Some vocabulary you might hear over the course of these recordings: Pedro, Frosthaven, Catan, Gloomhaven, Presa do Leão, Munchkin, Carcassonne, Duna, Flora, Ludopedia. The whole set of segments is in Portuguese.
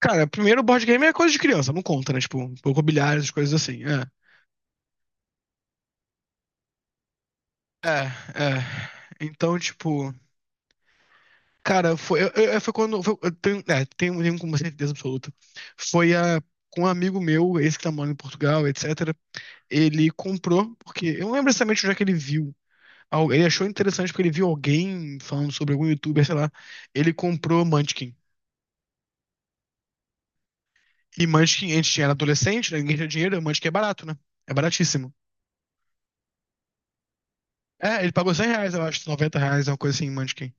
Cara, primeiro board game é coisa de criança, não conta, né? Tipo, pouco bilhares, as coisas assim. É, é, é. Então, tipo, cara, foi, foi quando. Foi, eu tenho, tenho uma certeza absoluta. Foi com um amigo meu, esse que tá morando em Portugal, etc. Ele comprou, porque eu não lembro exatamente onde é que ele viu. Ele achou interessante porque ele viu alguém falando sobre algum youtuber, sei lá. Ele comprou Munchkin. E Munchkin, a gente tinha era adolescente, né? Ninguém tinha dinheiro, Munchkin é barato, né? É baratíssimo. É, ele pagou R$ 100, eu acho, R$ 90, uma coisa assim, em Munchkin.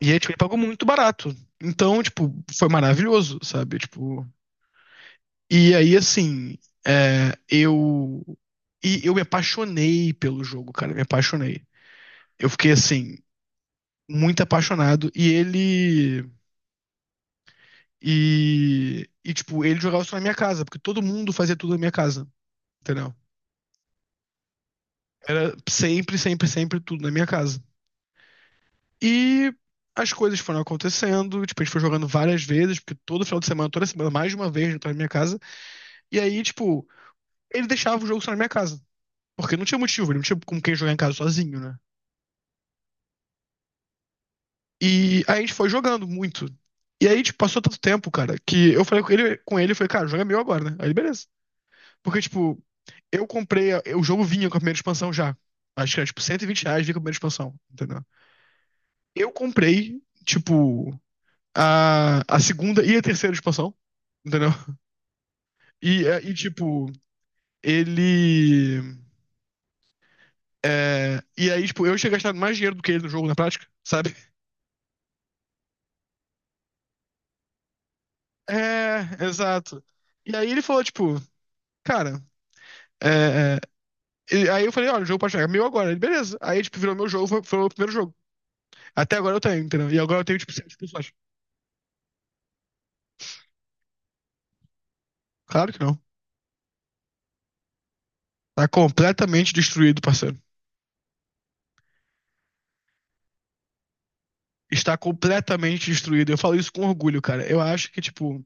E aí, tipo, ele pagou muito barato. Então, tipo, foi maravilhoso, sabe? Tipo, e aí, assim, é, eu... E eu me apaixonei pelo jogo, cara, me apaixonei. Eu fiquei, assim, muito apaixonado. Tipo, ele jogava só na minha casa, porque todo mundo fazia tudo na minha casa, entendeu? Era sempre, sempre, sempre tudo na minha casa. E as coisas foram acontecendo, tipo, a gente foi jogando várias vezes, porque todo final de semana, toda semana, mais de uma vez, ele tava na minha casa. E aí, tipo, ele deixava o jogo só na minha casa. Porque não tinha motivo, ele não tinha com quem jogar em casa sozinho, né? E aí a gente foi jogando muito. E aí, tipo, passou tanto tempo, cara, que eu falei com ele, eu falei, cara, joga meu agora, né? Aí ele, beleza. Porque, tipo, eu comprei, o jogo vinha com a primeira expansão já. Acho que era, tipo, R$ 120 vinha com a primeira expansão, entendeu? Eu comprei, tipo, a segunda e a terceira expansão, entendeu? E tipo, ele. E aí, tipo, eu tinha gastado mais dinheiro do que ele no jogo na prática, sabe? É, exato. E aí ele falou, tipo, cara. é, é, e aí eu falei, olha, o jogo pode chegar meu agora. Ele, beleza. Aí, tipo, virou meu jogo, foi o meu primeiro jogo. Até agora eu tenho, entendeu? E agora eu tenho, tipo, sete pessoas. Claro que não. Tá completamente destruído, parceiro. Está completamente destruído. Eu falo isso com orgulho, cara. Eu acho que, tipo,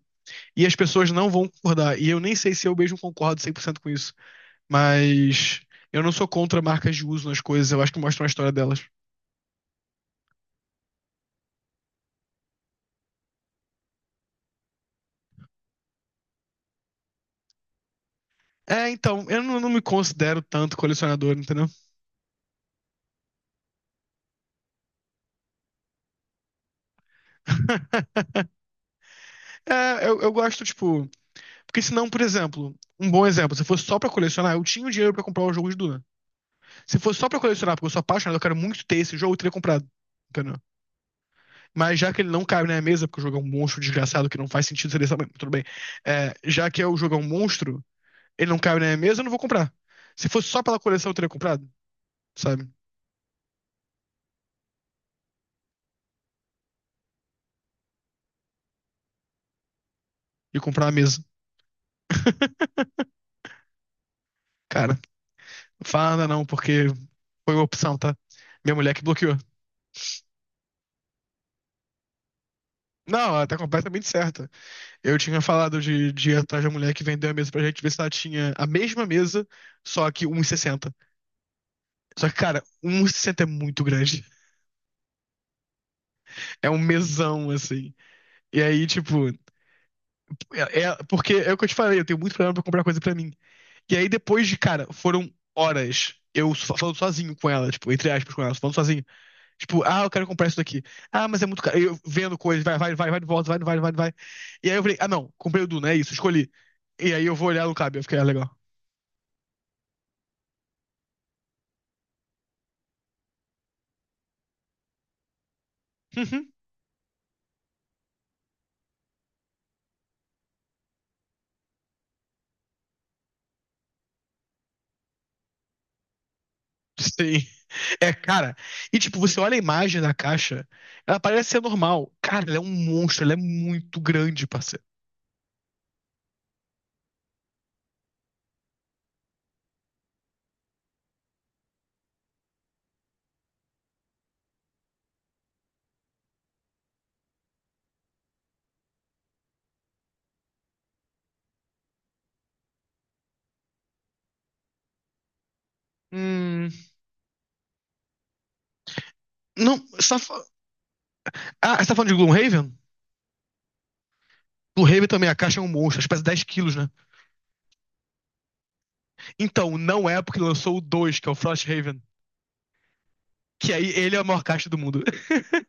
e as pessoas não vão concordar. E eu nem sei se eu mesmo concordo 100% com isso. Mas eu não sou contra marcas de uso nas coisas, eu acho que mostram a história delas. É, então, eu não, não me considero tanto colecionador, entendeu? Eu gosto, tipo. Porque senão, por exemplo, um bom exemplo, se fosse só pra colecionar, eu tinha o dinheiro pra comprar o jogo de Duna. Se fosse só pra colecionar, porque eu sou apaixonado, eu quero muito ter esse jogo, eu teria comprado. Entendeu? Mas já que ele não cabe na minha mesa, porque o jogo é um monstro desgraçado que não faz sentido ser desse tamanho, tudo bem. É, já que o jogo é um monstro, ele não cabe na minha mesa, eu não vou comprar. Se fosse só pela coleção, eu teria comprado, sabe? E comprar a mesa. Cara, não fala nada não, porque foi uma opção, tá? Minha mulher que bloqueou. Não, ela tá completamente certa. Eu tinha falado de ir atrás da mulher que vendeu a mesa pra gente ver se ela tinha a mesma mesa, só que 1,60. Só que, cara, um e sessenta é muito grande. É um mesão, assim. E aí, tipo, porque é o que eu te falei, eu tenho muito problema pra comprar coisa pra mim. E aí depois de, cara, foram horas eu falando sozinho com ela, tipo, entre aspas com ela, falando sozinho. Tipo, ah, eu quero comprar isso daqui. Ah, mas é muito caro. Eu vendo coisas, vai, vai, vai, vai, volta, vai, vai, vai, vai. E aí eu falei, ah, não, comprei o Duna, é isso, escolhi. E aí eu vou olhar no cabe, eu fiquei, ah, legal. Uhum. Sim. É, cara. E tipo, você olha a imagem da caixa, ela parece ser normal. Cara, ela é um monstro, ela é muito grande, parceiro. Hum. Não, você tá, fa- ah, você tá falando de Gloomhaven? Gloomhaven também, a caixa é um monstro, acho que pesa 10 quilos, né? Então, não é porque lançou o 2 que é o Frosthaven. Que aí ele é o maior caixa do mundo.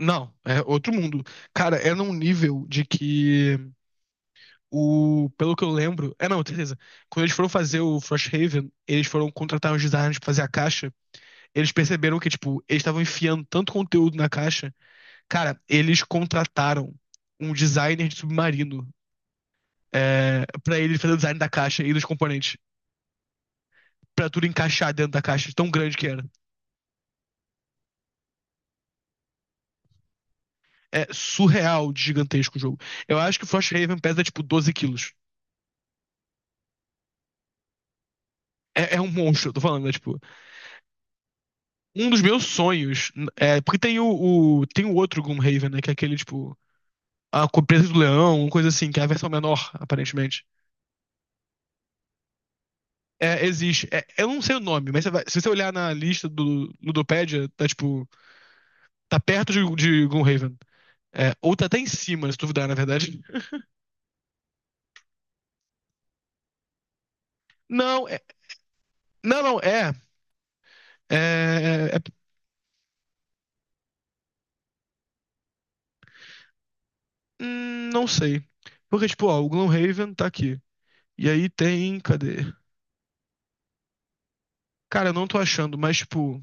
Não, é outro mundo. Cara, é num nível de que o. Pelo que eu lembro. É não, certeza. Quando eles foram fazer o Frosthaven, eles foram contratar os designers pra fazer a caixa. Eles perceberam que, tipo, eles estavam enfiando tanto conteúdo na caixa. Cara, eles contrataram um designer de submarino pra ele fazer o design da caixa e dos componentes. Pra tudo encaixar dentro da caixa, tão grande que era. É surreal de gigantesco o jogo. Eu acho que o Frosthaven pesa tipo 12 quilos. É, é um monstro, eu tô falando, né? Tipo, um dos meus sonhos. É, porque tem tem o outro Gloomhaven, né? Que é aquele, tipo, a Presa do Leão, uma coisa assim, que é a versão menor, aparentemente. É, existe. É, eu não sei o nome, mas se você olhar na lista do Ludopedia, tá tipo. Tá perto de Gloomhaven. É, ou tá até em cima, se duvidar, na verdade. Não, é, não, é. É, é. Não sei. Porque, tipo, ó, o Gloomhaven tá aqui. E aí tem. Cadê? Cara, eu não tô achando, mas, tipo.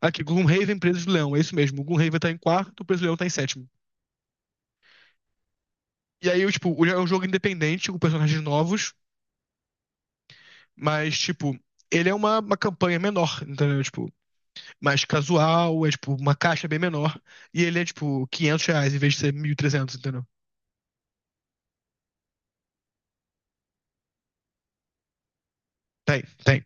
Aqui, Gloomhaven, Preso de Leão, é isso mesmo. O Gloomhaven tá em quarto, o Preso de Leão tá em sétimo. E aí, eu, tipo, é um jogo independente, com personagens novos, mas, tipo, ele é uma campanha menor, entendeu? Tipo, mais casual, é, tipo, uma caixa bem menor. E ele é, tipo, R$ 500 em vez de ser 1.300, entendeu? Tem, tem.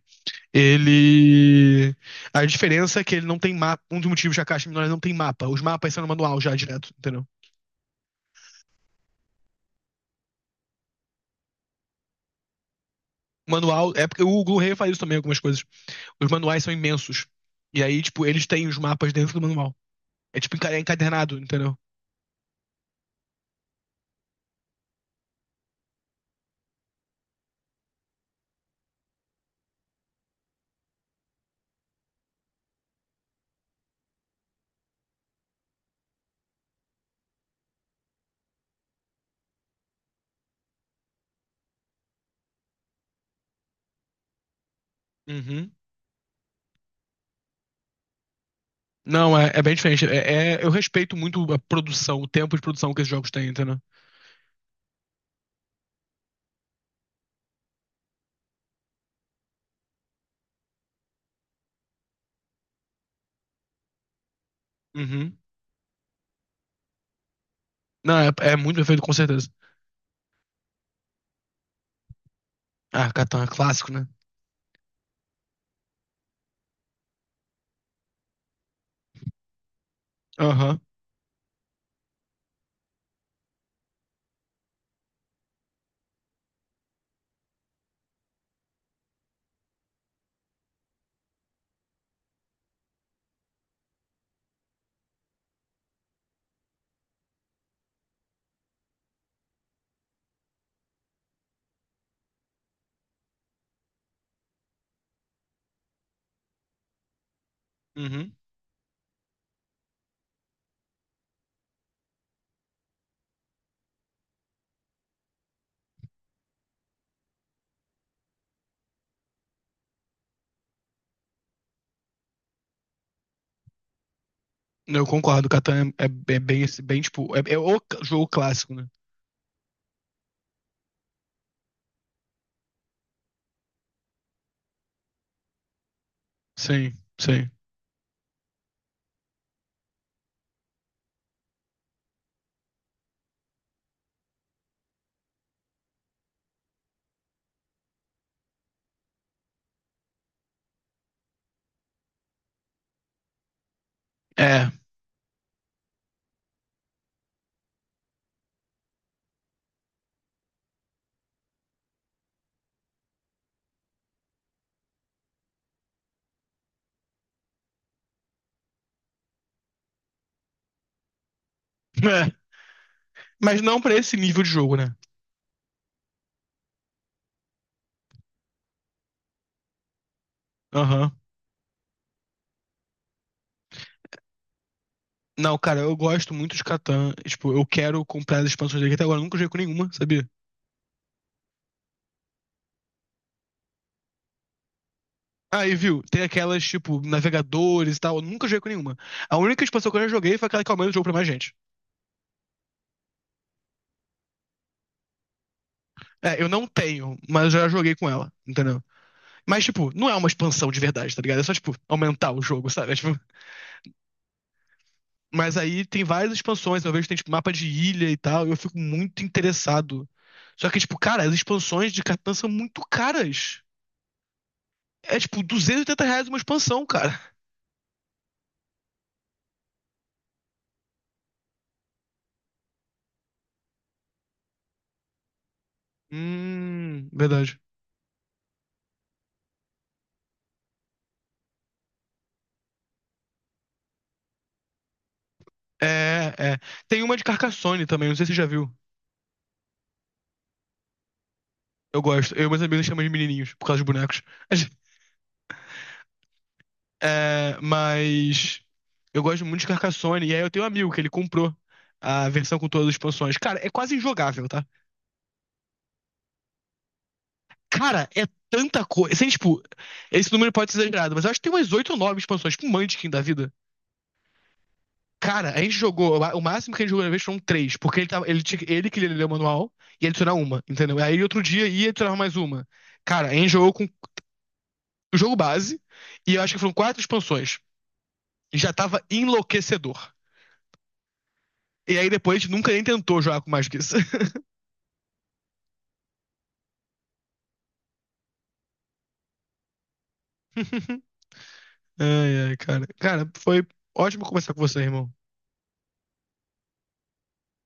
Ele. A diferença é que ele não tem mapa. Um dos motivos que a caixa menor não tem mapa. Os mapas são no manual já direto, entendeu? O manual. É porque o Blu-ray faz isso também, algumas coisas. Os manuais são imensos. E aí, tipo, eles têm os mapas dentro do manual. É é encadernado, entendeu? Uhum. Não, é, é bem diferente. Eu respeito muito a produção, o tempo de produção que esses jogos têm, entendeu? Uhum. Não, é, é muito bem feito com certeza. Ah, Catan é clássico, né? Aham. Uhum. Eu concordo, é bem, bem, tipo, é, é o jogo clássico, né? Sim, sim. É. É. Mas não pra esse nível de jogo, né? Aham. Não, cara, eu gosto muito de Catan. Tipo, eu quero comprar as expansões dele que até agora eu nunca joguei com nenhuma, sabia? Aí, viu? Tem aquelas, tipo, navegadores e tal. Eu nunca joguei com nenhuma. A única expansão que eu já joguei foi aquela que aumenta o jogo pra mais gente. É, eu não tenho, mas eu já joguei com ela, entendeu? Mas, tipo, não é uma expansão de verdade, tá ligado? É só, tipo, aumentar o jogo, sabe? É, tipo, mas aí tem várias expansões. Eu vejo que tem, tipo, mapa de ilha e tal. E eu fico muito interessado. Só que, tipo, cara, as expansões de Catan são muito caras. É, tipo, R$ 280 uma expansão, cara. Verdade. É, é. Tem uma de Carcassonne também, não sei se você já viu. Eu gosto. Eu e meus amigos chamam de menininhos, por causa dos bonecos. É, mas eu gosto muito de Carcassonne. E aí eu tenho um amigo que ele comprou a versão com todas as expansões. Cara, é quase injogável, tá? Cara, é tanta coisa. Assim, tipo, esse número pode ser exagerado, mas eu acho que tem umas oito ou nove expansões, tipo Munchkin da vida. Cara, a gente jogou, o máximo que a gente jogou na vez foram três, porque ele, tava, ele, tinha- ele queria ler o manual e adicionar uma, entendeu? Aí outro dia ia adicionar mais uma. Cara, a gente jogou com o jogo base, e eu acho que foram quatro expansões. Já tava enlouquecedor. E aí depois a gente nunca nem tentou jogar com mais que isso. Ai, ai, cara. Cara, foi ótimo conversar com você, irmão.